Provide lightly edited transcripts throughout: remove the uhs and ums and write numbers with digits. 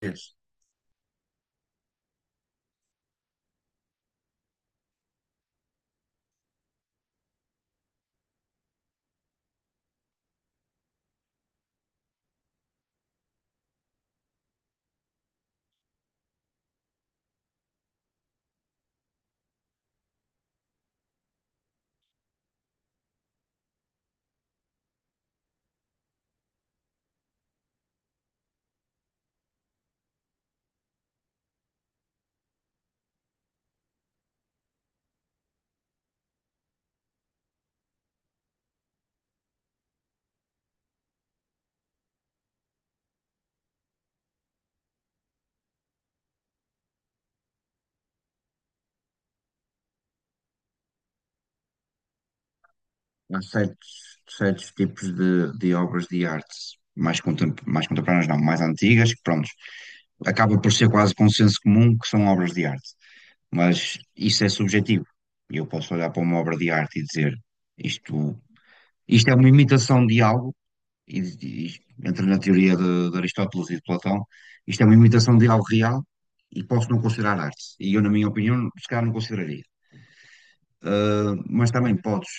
Vês, há certos, certos tipos de obras de arte mais contemporâneas, não, mais antigas, que pronto, acaba por ser quase consenso comum que são obras de arte. Mas isso é subjetivo. E eu posso olhar para uma obra de arte e dizer isto, isto é uma imitação de algo, entra na teoria de Aristóteles e de Platão, isto é uma imitação de algo real e posso não considerar arte. E eu, na minha opinião, se calhar não consideraria. Ah, mas também podes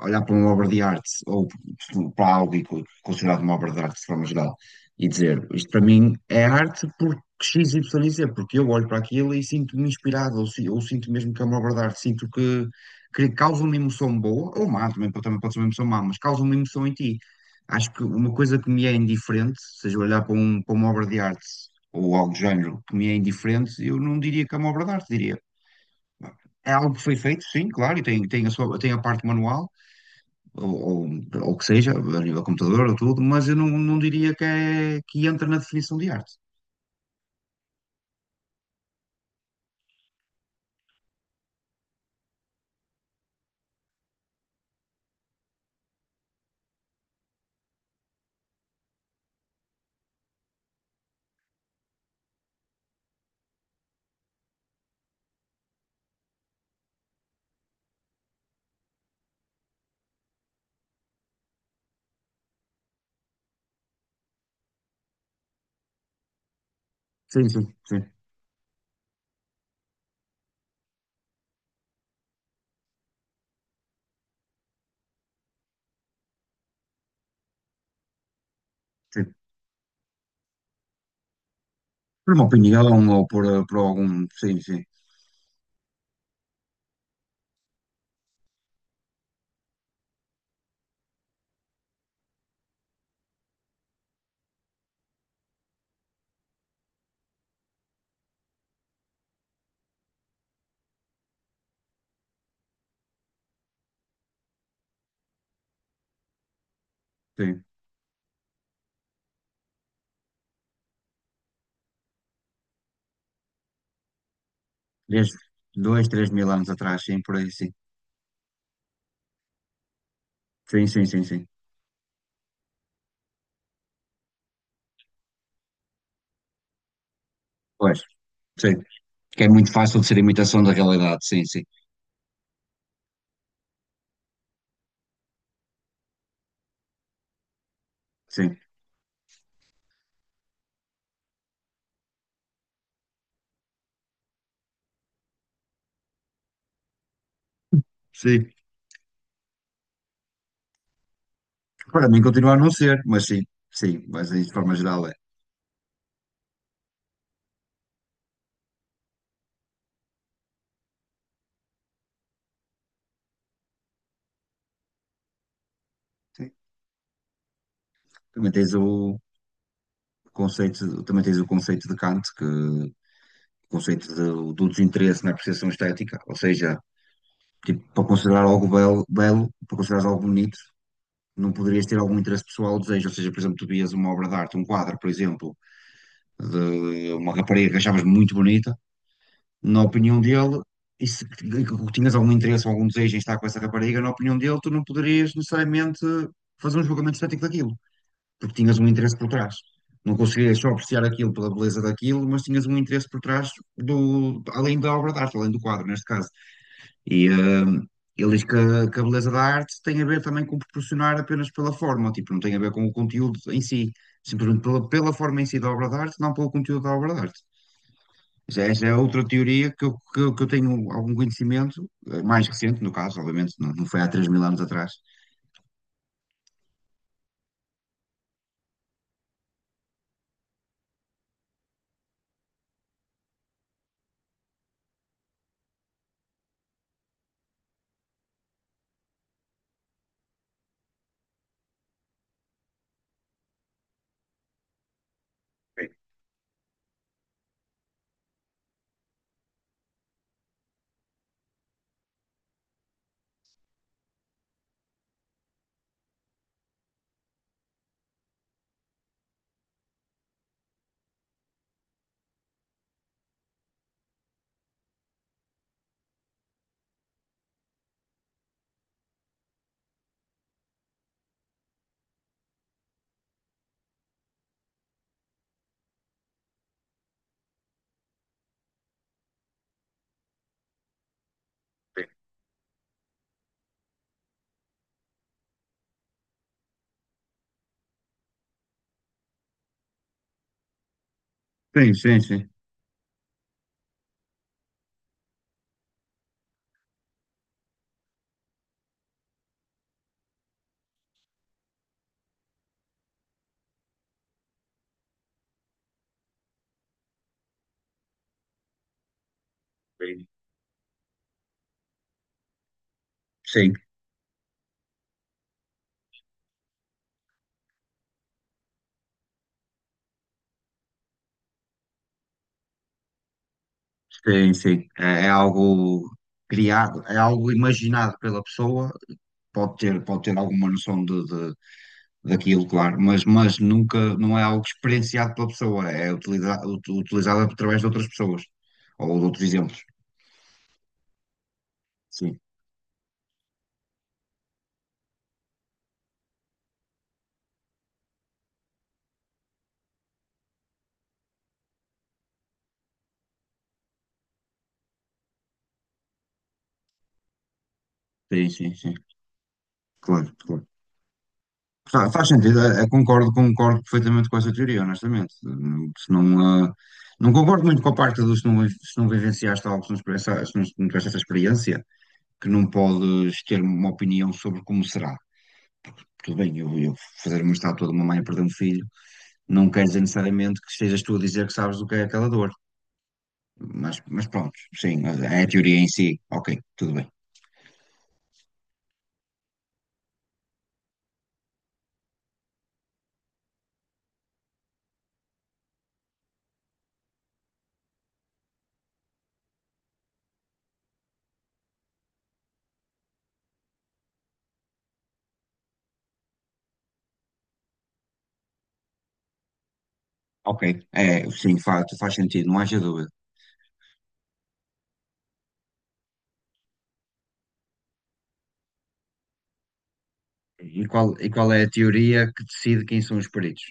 olhar para uma obra de arte ou para algo e considerado uma obra de arte de forma geral, e dizer isto para mim é arte porque X, Y e Z, porque eu olho para aquilo e sinto-me inspirado, ou, ou sinto mesmo que é uma obra de arte, sinto que causa uma emoção boa, ou má, também, também pode ser uma emoção má, mas causa uma emoção em ti. Acho que uma coisa que me é indiferente, seja olhar para, para uma obra de arte ou algo do género que me é indiferente, eu não diria que é uma obra de arte, diria. É algo que foi feito, sim, claro, e tem, tem a sua, tem a parte manual, ou, ou, ou que seja, a nível computador ou tudo, mas eu não, não diria que, é, que entra na definição de arte. Sim, sim, sim, sim. Por uma opinião ou por, por algum. Sim, sim, sim. Desde dois, 3 mil anos atrás, sim, por aí, sim. Sim, sim, sim, sim. Pois, sim. Que é muito fácil de ser imitação da realidade, sim, sim, sim. Sim. Para mim continua a não ser, mas sim, sim, mas de forma geral é. Sim. Também tens o conceito, também tens o conceito de Kant, que conceito do desinteresse na apreciação estética, ou seja, tipo, para considerar algo belo, belo, para considerar algo bonito, não poderias ter algum interesse pessoal ou desejo, ou seja, por exemplo, tu vias uma obra de arte, um quadro, por exemplo, de uma rapariga que achavas muito bonita, na opinião dele, e se e que tinhas algum interesse ou algum desejo em estar com essa rapariga, na opinião dele, tu não poderias necessariamente fazer um julgamento estético daquilo porque tinhas um interesse por trás. Não conseguias só apreciar aquilo pela beleza daquilo, mas tinhas um interesse por trás do, além da obra de arte, além do quadro, neste caso. E ele diz que a beleza da arte tem a ver também com proporcionar apenas pela forma, tipo, não tem a ver com o conteúdo em si, simplesmente pela forma em si da obra de arte, não pelo conteúdo da obra de arte. Já esta é outra teoria que eu, que, eu tenho algum conhecimento, mais recente no caso, obviamente, não, não foi há 3 mil anos atrás. Sim, sim, sim. Sim, sim, sim. É, é algo criado, é algo imaginado pela pessoa. Pode ter alguma noção de, daquilo, claro, mas nunca, não é algo experienciado pela pessoa, é utilizado, utilizado através de outras pessoas ou de outros exemplos. Sim, sim, sim, sim. Claro, claro. Faz sentido, concordo, concordo perfeitamente com essa teoria, honestamente. Se não, ah, não concordo muito com a parte do se não, se não vivenciaste algo, se não, se não tiveste essa experiência, que não podes ter uma opinião sobre como será. Tudo bem, eu fazer uma estátua de uma mãe a perder um filho, não quer dizer necessariamente que estejas tu a dizer que sabes o que é aquela dor. Mas pronto, sim, é a teoria em si. Ok, tudo bem. Ok, é, sim, faz, faz sentido, não haja dúvida. E qual é a teoria que decide quem são os peritos?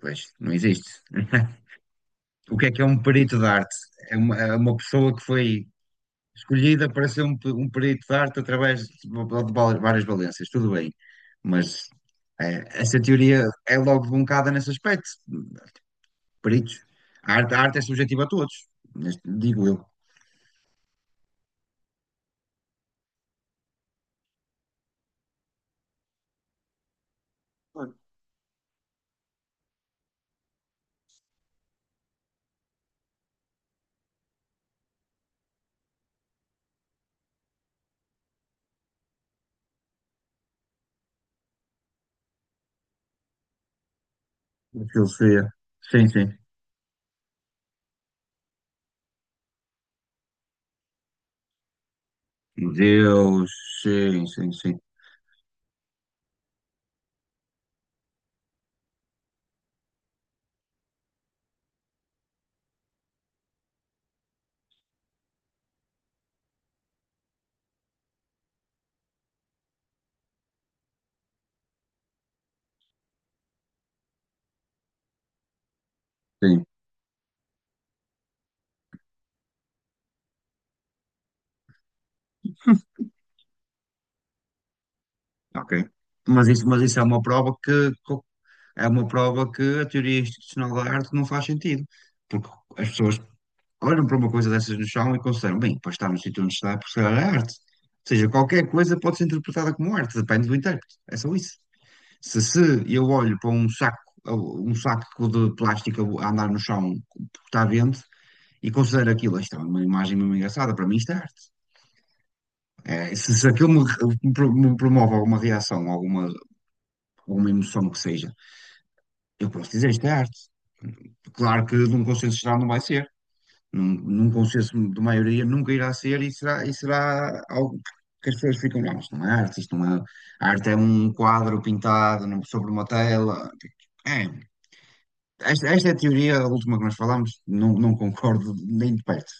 Pois, não existe. O que é um perito de arte? É uma pessoa que foi escolhida para ser um perito de arte através de várias valências, tudo bem. Mas é, essa teoria é logo debuncada nesse aspecto. Peritos. A arte é subjetiva a todos, digo eu. Claro. Na Filosofia. Sim, sim. Deus, sim, sim, sim. Sim. Ok. Mas isso é uma prova que, é uma prova que a teoria institucional da arte não faz sentido. Porque as pessoas olham para uma coisa dessas no chão e consideram, bem, para estar no sítio onde está, porque é arte. Ou seja, qualquer coisa pode ser interpretada como arte, depende do intérprete. É só isso. Se eu olho para um saco de plástico a andar no chão porque está vento e considero aquilo, isto é uma imagem mesmo engraçada, para mim isto é arte. É, se aquilo me, me promove alguma reação, alguma ou uma emoção que seja, eu posso dizer isto é arte. Claro que num consenso geral não vai ser, num consenso de maioria nunca irá ser e será algo que as pessoas ficam, não, isto não é arte, isto não é. A arte é um quadro pintado sobre uma tela. É, esta é a teoria, a última que nós falámos, não, não concordo nem de perto.